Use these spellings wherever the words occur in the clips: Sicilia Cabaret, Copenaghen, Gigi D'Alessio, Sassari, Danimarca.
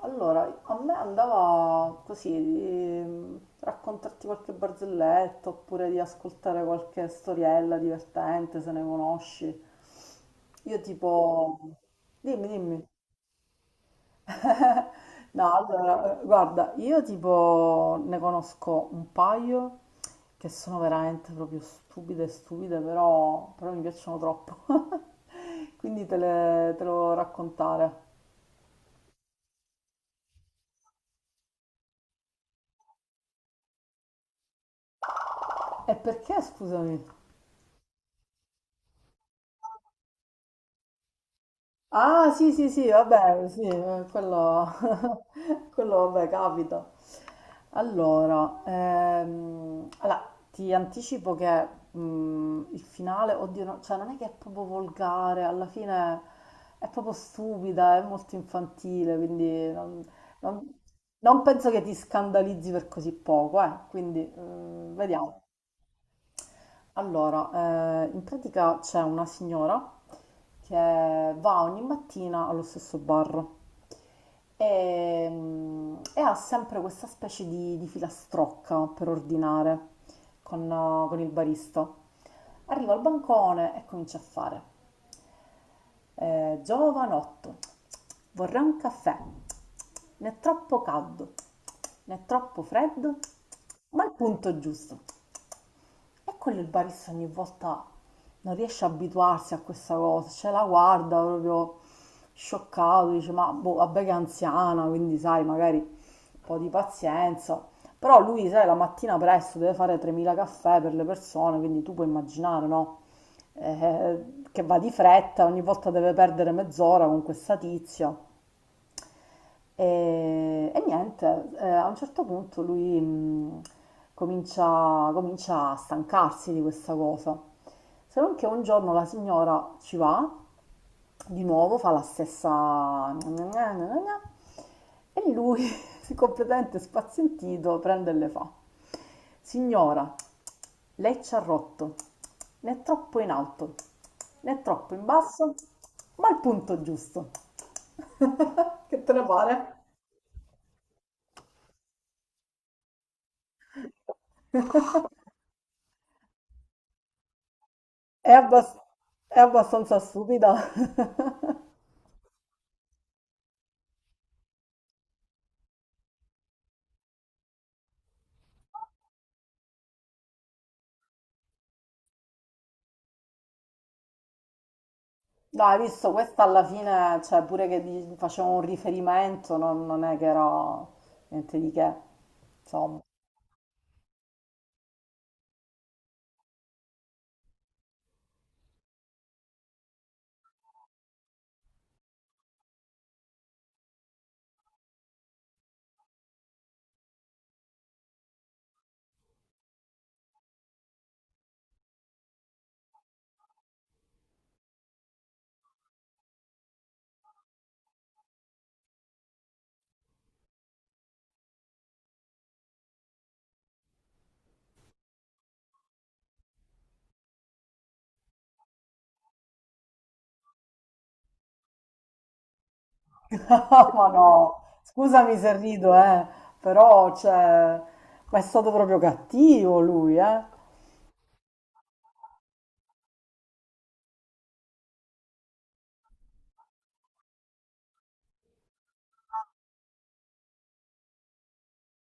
Allora, a me andava così di raccontarti qualche barzelletta oppure di ascoltare qualche storiella divertente se ne conosci. Io tipo... Dimmi, dimmi. No, allora, guarda, io tipo ne conosco un paio che sono veramente proprio stupide, stupide, però mi piacciono troppo. Quindi te le volevo raccontare. E perché, scusami? Ah, sì, sì, sì, vabbè, sì, quello, quello, vabbè, capita. Allora, ti anticipo che il finale, oddio, cioè non è che è proprio volgare, alla fine è proprio stupida, è molto infantile, quindi non- non penso che ti scandalizzi per così poco, quindi, vediamo. Allora, in pratica c'è una signora che va ogni mattina allo stesso bar e ha sempre questa specie di filastrocca per ordinare con il barista. Arriva al bancone e comincia a fare: giovanotto, vorrei un caffè, né troppo caldo, né troppo freddo, ma il punto giusto. Eccolo, il barista ogni volta non riesce a abituarsi a questa cosa, cioè la guarda proprio scioccato, dice ma boh, vabbè, che è anziana, quindi sai, magari un po' di pazienza. Però lui, sai, la mattina presto deve fare 3.000 caffè per le persone, quindi tu puoi immaginare, no? Che va di fretta, ogni volta deve perdere mezz'ora con questa tizia. E niente, a un certo punto lui comincia a stancarsi di questa cosa. Se non che un giorno la signora ci va di nuovo, fa la stessa... E lui, completamente spazientito, prende e le fa: Signora, lei ci ha rotto, né troppo in alto, né troppo in basso, ma al punto giusto. Che te ne pare? È abbas- è abbastanza stupida. No, hai visto, questa alla fine, cioè pure che facevo un riferimento, non è che era niente di che, insomma. Ma no, scusami se rido, però, cioè, ma è stato proprio cattivo lui, eh.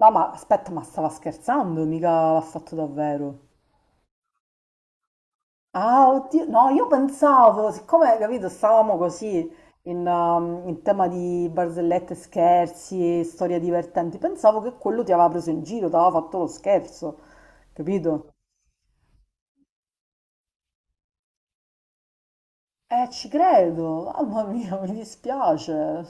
No, ma aspetta, ma stava scherzando, mica l'ha fatto davvero. Ah, oddio, no, io pensavo, siccome, capito, stavamo così in tema di barzellette, scherzi, storie divertenti, pensavo che quello ti aveva preso in giro, ti aveva fatto lo scherzo, capito? Ci credo, mamma mia, mi dispiace.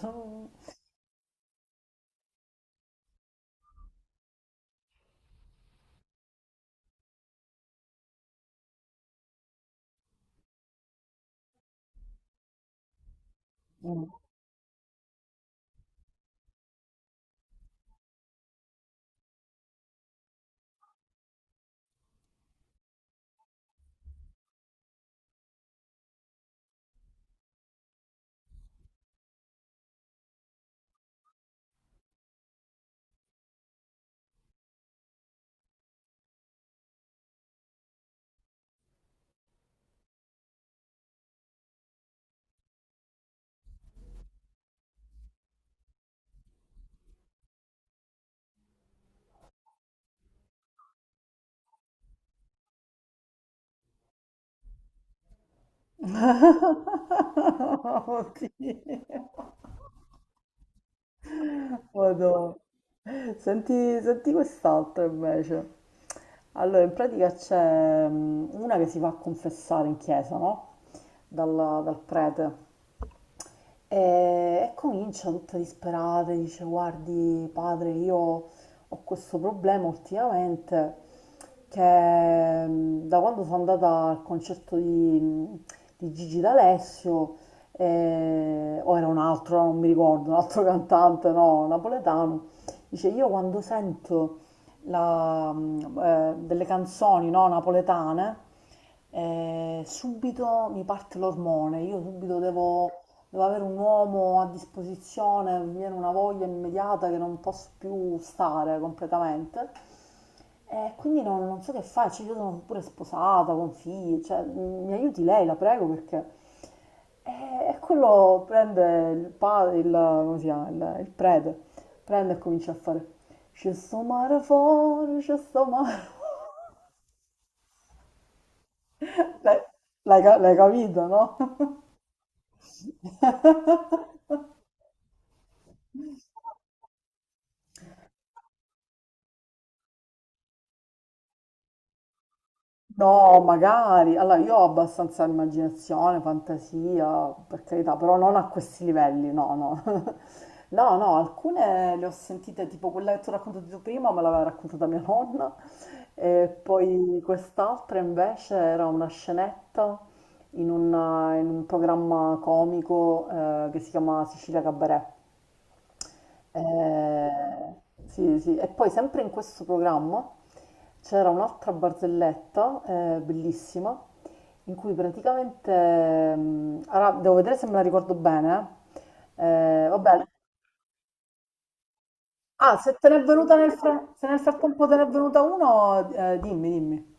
Oddio. Madò. Senti, senti quest'altra invece. Allora, in pratica c'è una che si va a confessare in chiesa, no? Dal prete. E, e comincia tutta disperata, dice: Guardi, padre, io ho questo problema ultimamente che da quando sono andata al concerto di, Gigi D'Alessio, o era un altro, non mi ricordo, un altro cantante, no, napoletano, dice: Io quando sento delle canzoni, no, napoletane, subito mi parte l'ormone, io subito devo avere un uomo a disposizione, mi viene una voglia immediata che non posso più stare completamente. E quindi non so che fare, cioè, io sono pure sposata, con figli, cioè, mi aiuti lei, la prego, perché... E, e quello prende il padre, come si chiama, il prete, prende e comincia a fare... C'è sto mare fuori, c'è sto mare fuori. L'hai l'hai capito, no? No, magari. Allora, io ho abbastanza immaginazione, fantasia, per carità, però non a questi livelli, no, no. No, no, alcune le ho sentite, tipo quella che ti ho raccontato tu prima, me l'aveva raccontata mia nonna, e poi quest'altra invece era una scenetta in un, in un, programma comico, che si chiama Sicilia Cabaret. Eh, sì, sì. E poi sempre in questo programma c'era un'altra barzelletta, bellissima, in cui praticamente, allora, devo vedere se me la ricordo bene. Vabbè, ah, se te n'è venuta se nel frattempo te n'è venuta una, dimmi, dimmi.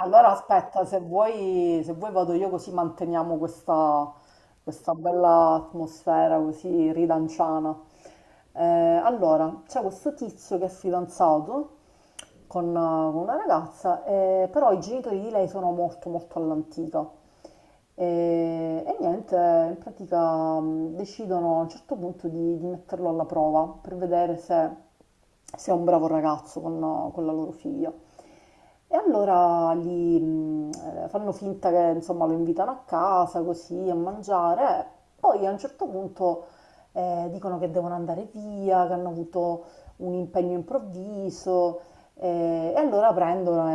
Allora aspetta, se vuoi vado io, così manteniamo questa, bella atmosfera così ridanciana. Eh, allora, c'è questo tizio che è fidanzato con, con una ragazza, però i genitori di lei sono molto molto all'antica. E, e niente, in pratica decidono a un certo punto di metterlo alla prova per vedere se è un bravo ragazzo con la loro figlia. E allora fanno finta che, insomma, lo invitano a casa così a mangiare, e poi a un certo punto, dicono che devono andare via, che hanno avuto un impegno improvviso, e allora prendono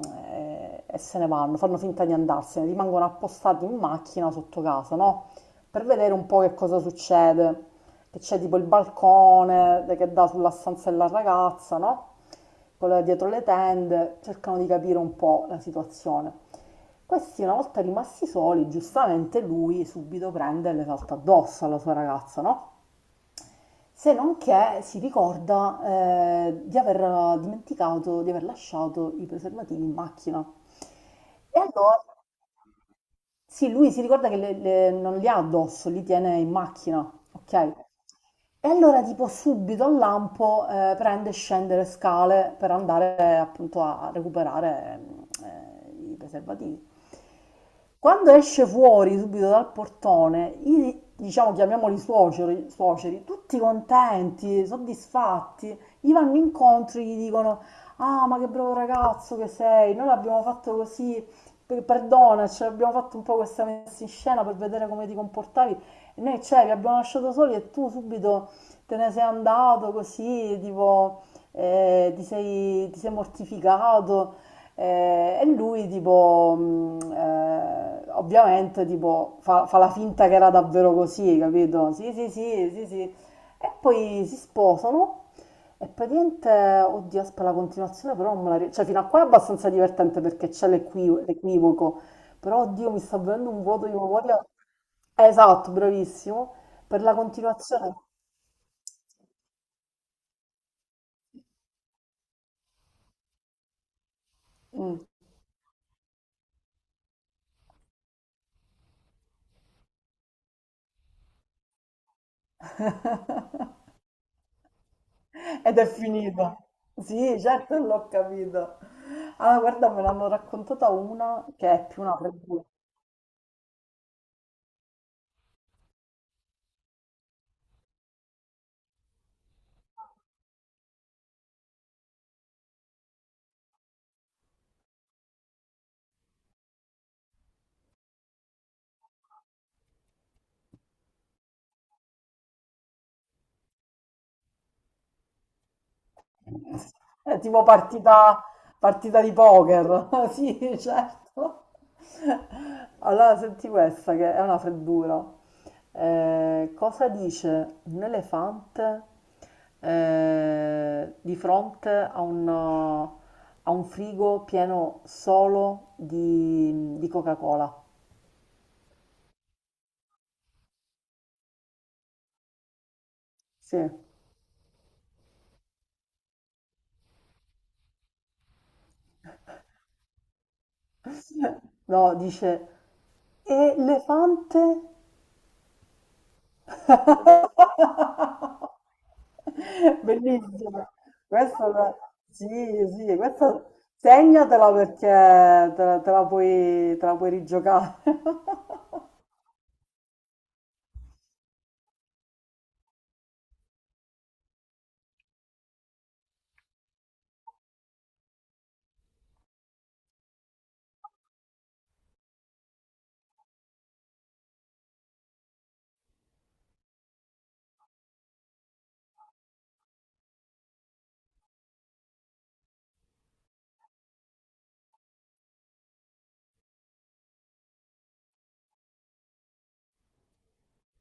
e, e se ne vanno, fanno finta di andarsene, rimangono appostati in macchina sotto casa, no? Per vedere un po' che cosa succede, che c'è tipo il balcone che dà sulla stanza della ragazza, no? Quella dietro le tende, cercano di capire un po' la situazione. Questi, una volta rimasti soli, giustamente lui subito prende e le salta addosso alla sua ragazza, no? Se non che si ricorda, di aver dimenticato di aver lasciato i preservativi in macchina. E allora... Sì, lui si ricorda che non li ha addosso, li tiene in macchina, ok? E allora tipo subito al lampo, prende e scende le scale per andare, appunto, a recuperare, i preservativi. Quando esce fuori subito dal portone, diciamo, chiamiamoli suoceri, suoceri, tutti contenti, soddisfatti, gli vanno incontro e gli dicono: Ah, ma che bravo ragazzo che sei, noi l'abbiamo fatto così, perdona, cioè, abbiamo fatto un po' questa messa in scena per vedere come ti comportavi. E noi, cioè, vi abbiamo lasciato soli e tu subito te ne sei andato così, tipo, ti sei, mortificato. E lui, tipo, ovviamente, tipo, fa la finta che era davvero così, capito? Sì, sì, sì, sì, sì, e poi si sposano e praticamente, oddio, aspetta la continuazione, però non me la cioè, fino a qua è abbastanza divertente perché c'è l'equivoco, però, oddio, mi sta venendo un vuoto di memoria. Esatto, bravissimo. Per la continuazione. Mm. Ed è finita. Sì, certo, l'ho capito. Allora, guarda, me l'hanno raccontata una che è più una freddura. È tipo partita, di poker. Sì, certo. Allora, senti questa che è una freddura. Cosa dice un elefante, di fronte a un, frigo pieno solo di Coca-Cola? Sì. No, dice: Elefante. Bellissima. Questa sì, sì, questa segnatela perché te la puoi rigiocare.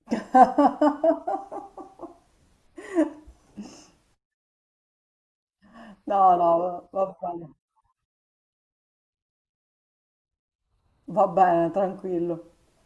No, no, va bene, tranquillo.